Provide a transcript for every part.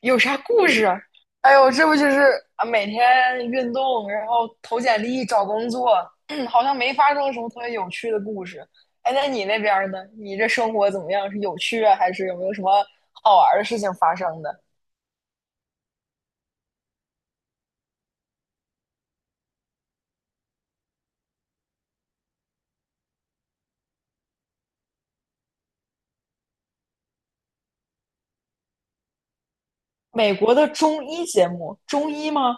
有啥故事？哎呦，这不就是啊，每天运动，然后投简历、找工作，好像没发生什么特别有趣的故事。哎，那你那边儿呢？你这生活怎么样？是有趣啊，还是有没有什么好玩儿的事情发生的？美国的中医节目，中医吗？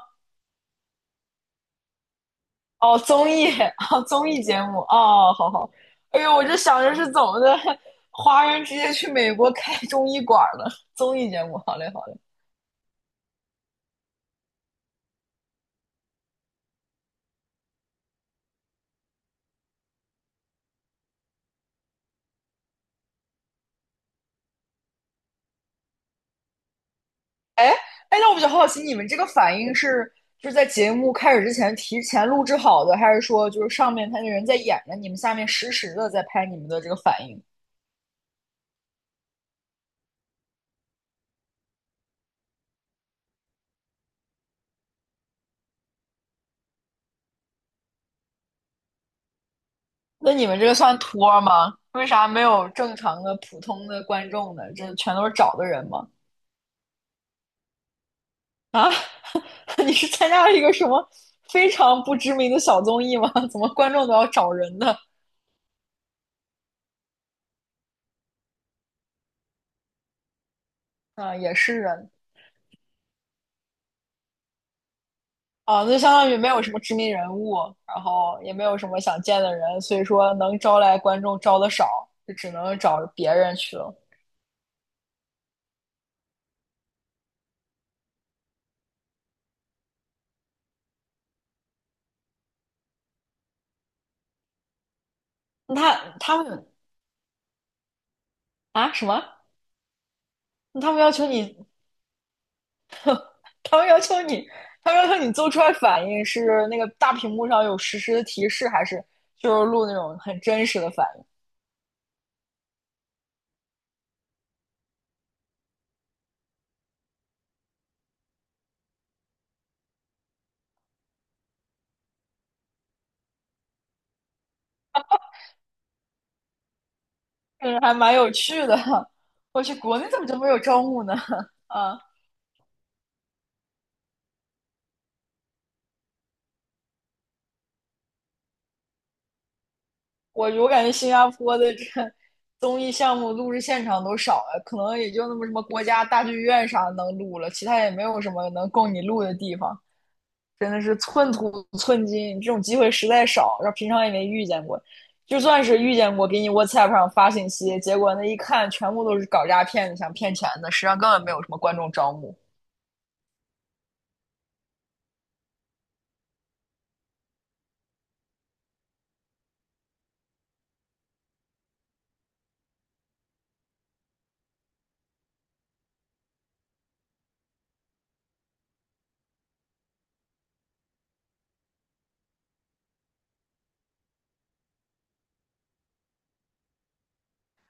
哦，综艺，哦，综艺节目，哦，好好。哎呦，我就想着是怎么的，华人直接去美国开中医馆儿了，综艺节目，好嘞，好嘞。哎哎，那我比较好奇，你们这个反应就是在节目开始之前提前录制好的，还是说就是上面他那人在演着，你们下面实时的在拍你们的这个反应？那你们这个算托吗？为啥没有正常的普通的观众呢？这全都是找的人吗？啊，你是参加了一个什么非常不知名的小综艺吗？怎么观众都要找人呢？啊，也是啊，啊，那就相当于没有什么知名人物，然后也没有什么想见的人，所以说能招来观众招的少，就只能找别人去了。那他们啊什么？那他们要求你，他们要求你做出来反应是那个大屏幕上有实时的提示，还是就是录那种很真实的反应？嗯，还蛮有趣的。我去，国内怎么就没有招募呢？啊。我感觉新加坡的这个综艺项目录制现场都少了，可能也就那么什么国家大剧院啥能录了，其他也没有什么能供你录的地方，真的是寸土寸金，这种机会实在少，然后平常也没遇见过，就算是遇见过，给你 WhatsApp 上发信息，结果那一看全部都是搞诈骗的，想骗钱的，实际上根本没有什么观众招募。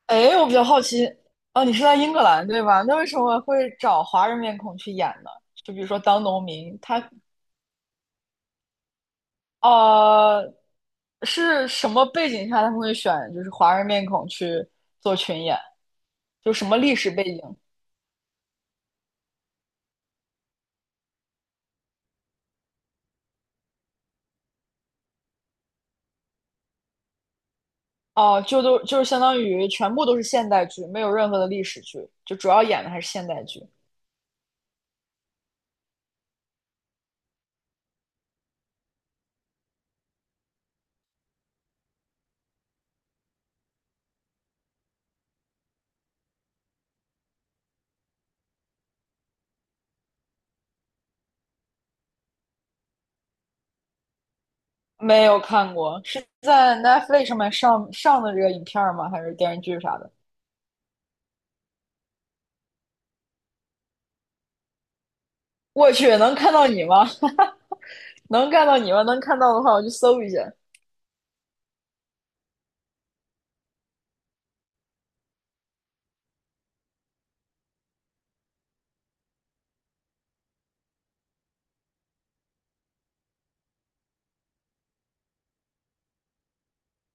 哎，我比较好奇，哦，你是在英格兰对吧？那为什么会找华人面孔去演呢？就比如说当农民，呃，是什么背景下他们会选就是华人面孔去做群演？就什么历史背景？哦、就是相当于全部都是现代剧，没有任何的历史剧，就主要演的还是现代剧。没有看过，是在 Netflix 上面上的这个影片儿吗？还是电视剧啥的？我去，能看到你吗？能看到你吗？能看到的话，我去搜一下。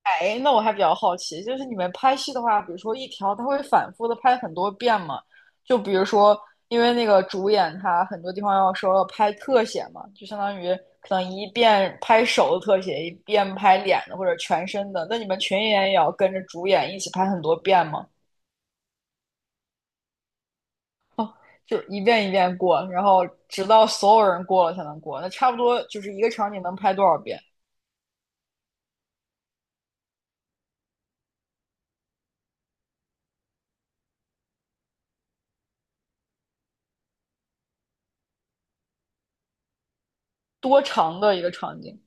哎，那我还比较好奇，就是你们拍戏的话，比如说一条，它会反复的拍很多遍吗？就比如说，因为那个主演他很多地方要说要拍特写嘛，就相当于可能一遍拍手的特写，一遍拍脸的或者全身的。那你们群演也要跟着主演一起拍很多遍吗？就一遍一遍过，然后直到所有人过了才能过。那差不多就是一个场景能拍多少遍？多长的一个场景？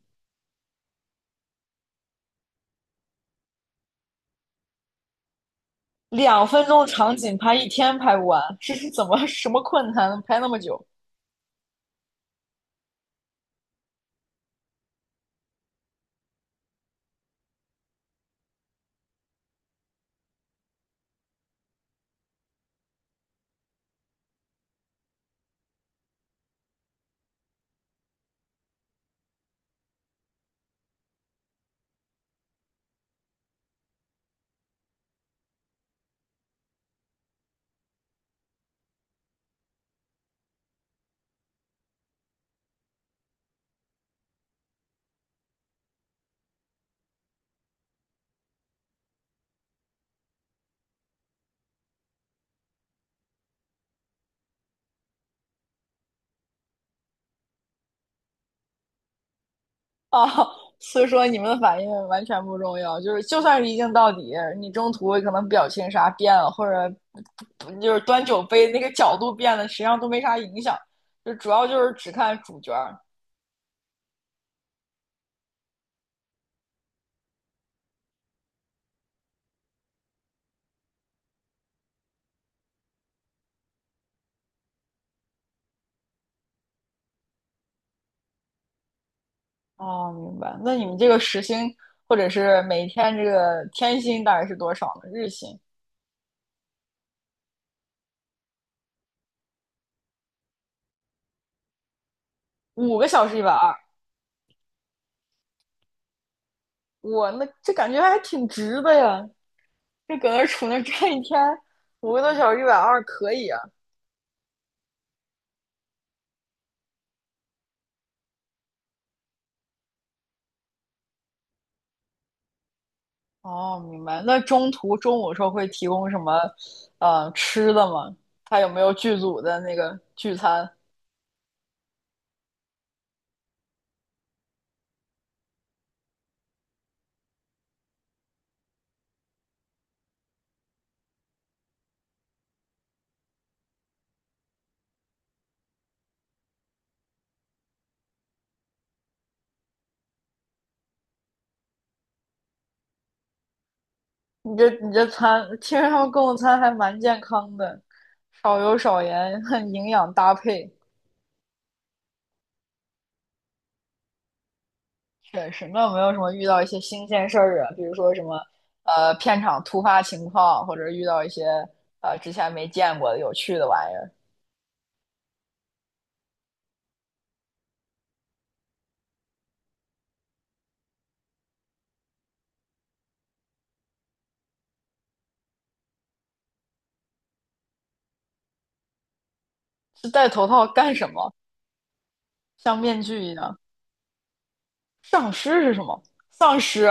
2分钟场景拍一天拍不完，这是怎么什么困难能拍那么久啊？所以说你们的反应完全不重要，就是就算是一镜到底，你中途可能表情啥变了，或者就是端酒杯那个角度变了，实际上都没啥影响，就主要就是只看主角儿。哦，明白。那你们这个时薪或者是每天这个天薪大概是多少呢？日薪5个小时一百二，我这感觉还挺值的呀。就搁那杵那站一天，5个多小时120可以啊。哦，明白。那中途中午的时候会提供什么，吃的吗？他有没有剧组的那个聚餐？你这餐，听说他们供的餐还蛮健康的，少油少盐，营养搭配。确实，那有没有什么遇到一些新鲜事儿啊？比如说什么，片场突发情况，或者遇到一些之前没见过的有趣的玩意儿？是戴头套干什么？像面具一样。丧尸是什么？丧尸，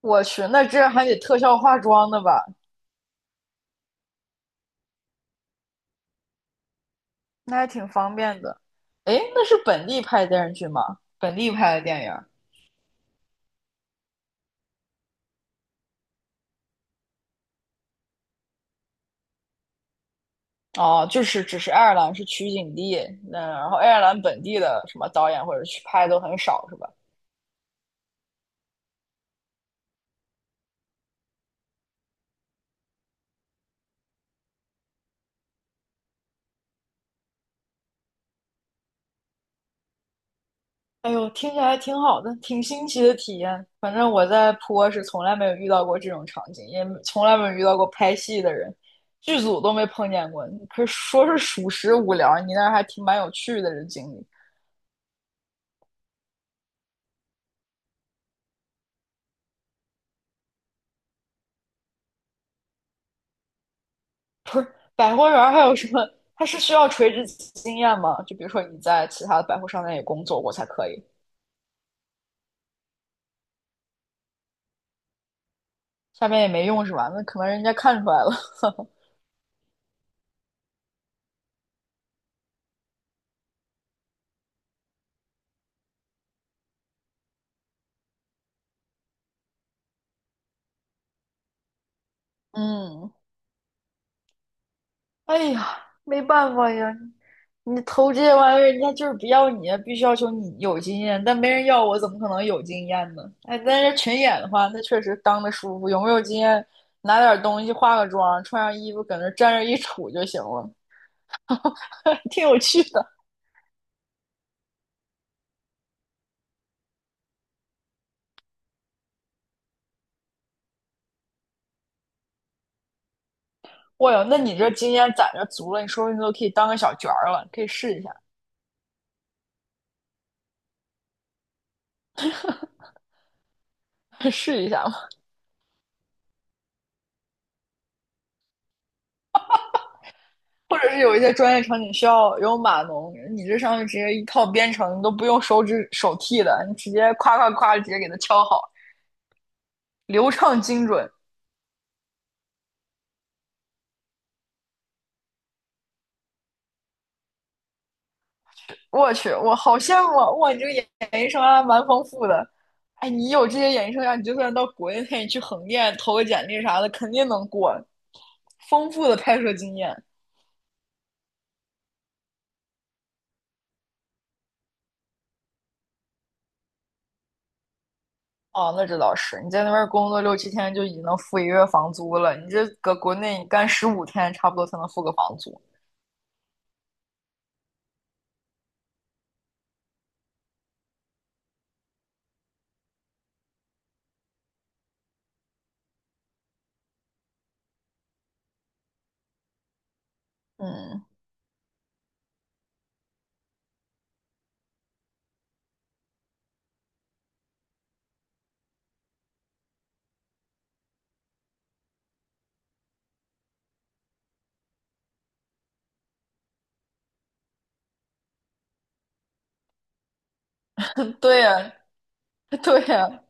我去，那这还得特效化妆的吧？那还挺方便的。诶，那是本地拍的电视剧吗？本地拍的电影？哦，就是只是爱尔兰是取景地，那然后爱尔兰本地的什么导演或者去拍都很少，是吧？哎呦，听起来挺好的，挺新奇的体验。反正我在坡是从来没有遇到过这种场景，也从来没有遇到过拍戏的人，剧组都没碰见过。可是说是属实无聊，你那儿还挺蛮有趣的这经历。不是百货员还有什么？它是需要垂直经验吗？就比如说你在其他的百货商店也工作过才可以，下面也没用是吧？那可能人家看出来了。嗯，哎呀，没办法呀，你投这些玩意儿，人家就是不要你啊，必须要求你有经验，但没人要我，怎么可能有经验呢？哎，但是群演的话，那确实当的舒服，有没有经验，拿点东西，化个妆，穿上衣服，搁那站着一杵就行了，挺有趣的。哇哟，那你这经验攒着足了，你说不定都可以当个小角儿了，可以试一下，试一下嘛。或者是有一些专业场景需要有码农，你这上面直接一套编程，你都不用手指手替的，你直接夸夸夸直接给它敲好，流畅精准。我去，我好羡慕啊哇，你这个演艺生涯蛮丰富的。哎，你有这些演艺生涯，你就算到国内，你去横店投个简历啥的，肯定能过。丰富的拍摄经验，哦，那这倒是，你在那边工作6、7天就已经能付1个月房租了，你这搁国内你干15天差不多才能付个房租。嗯，对呀，对呀，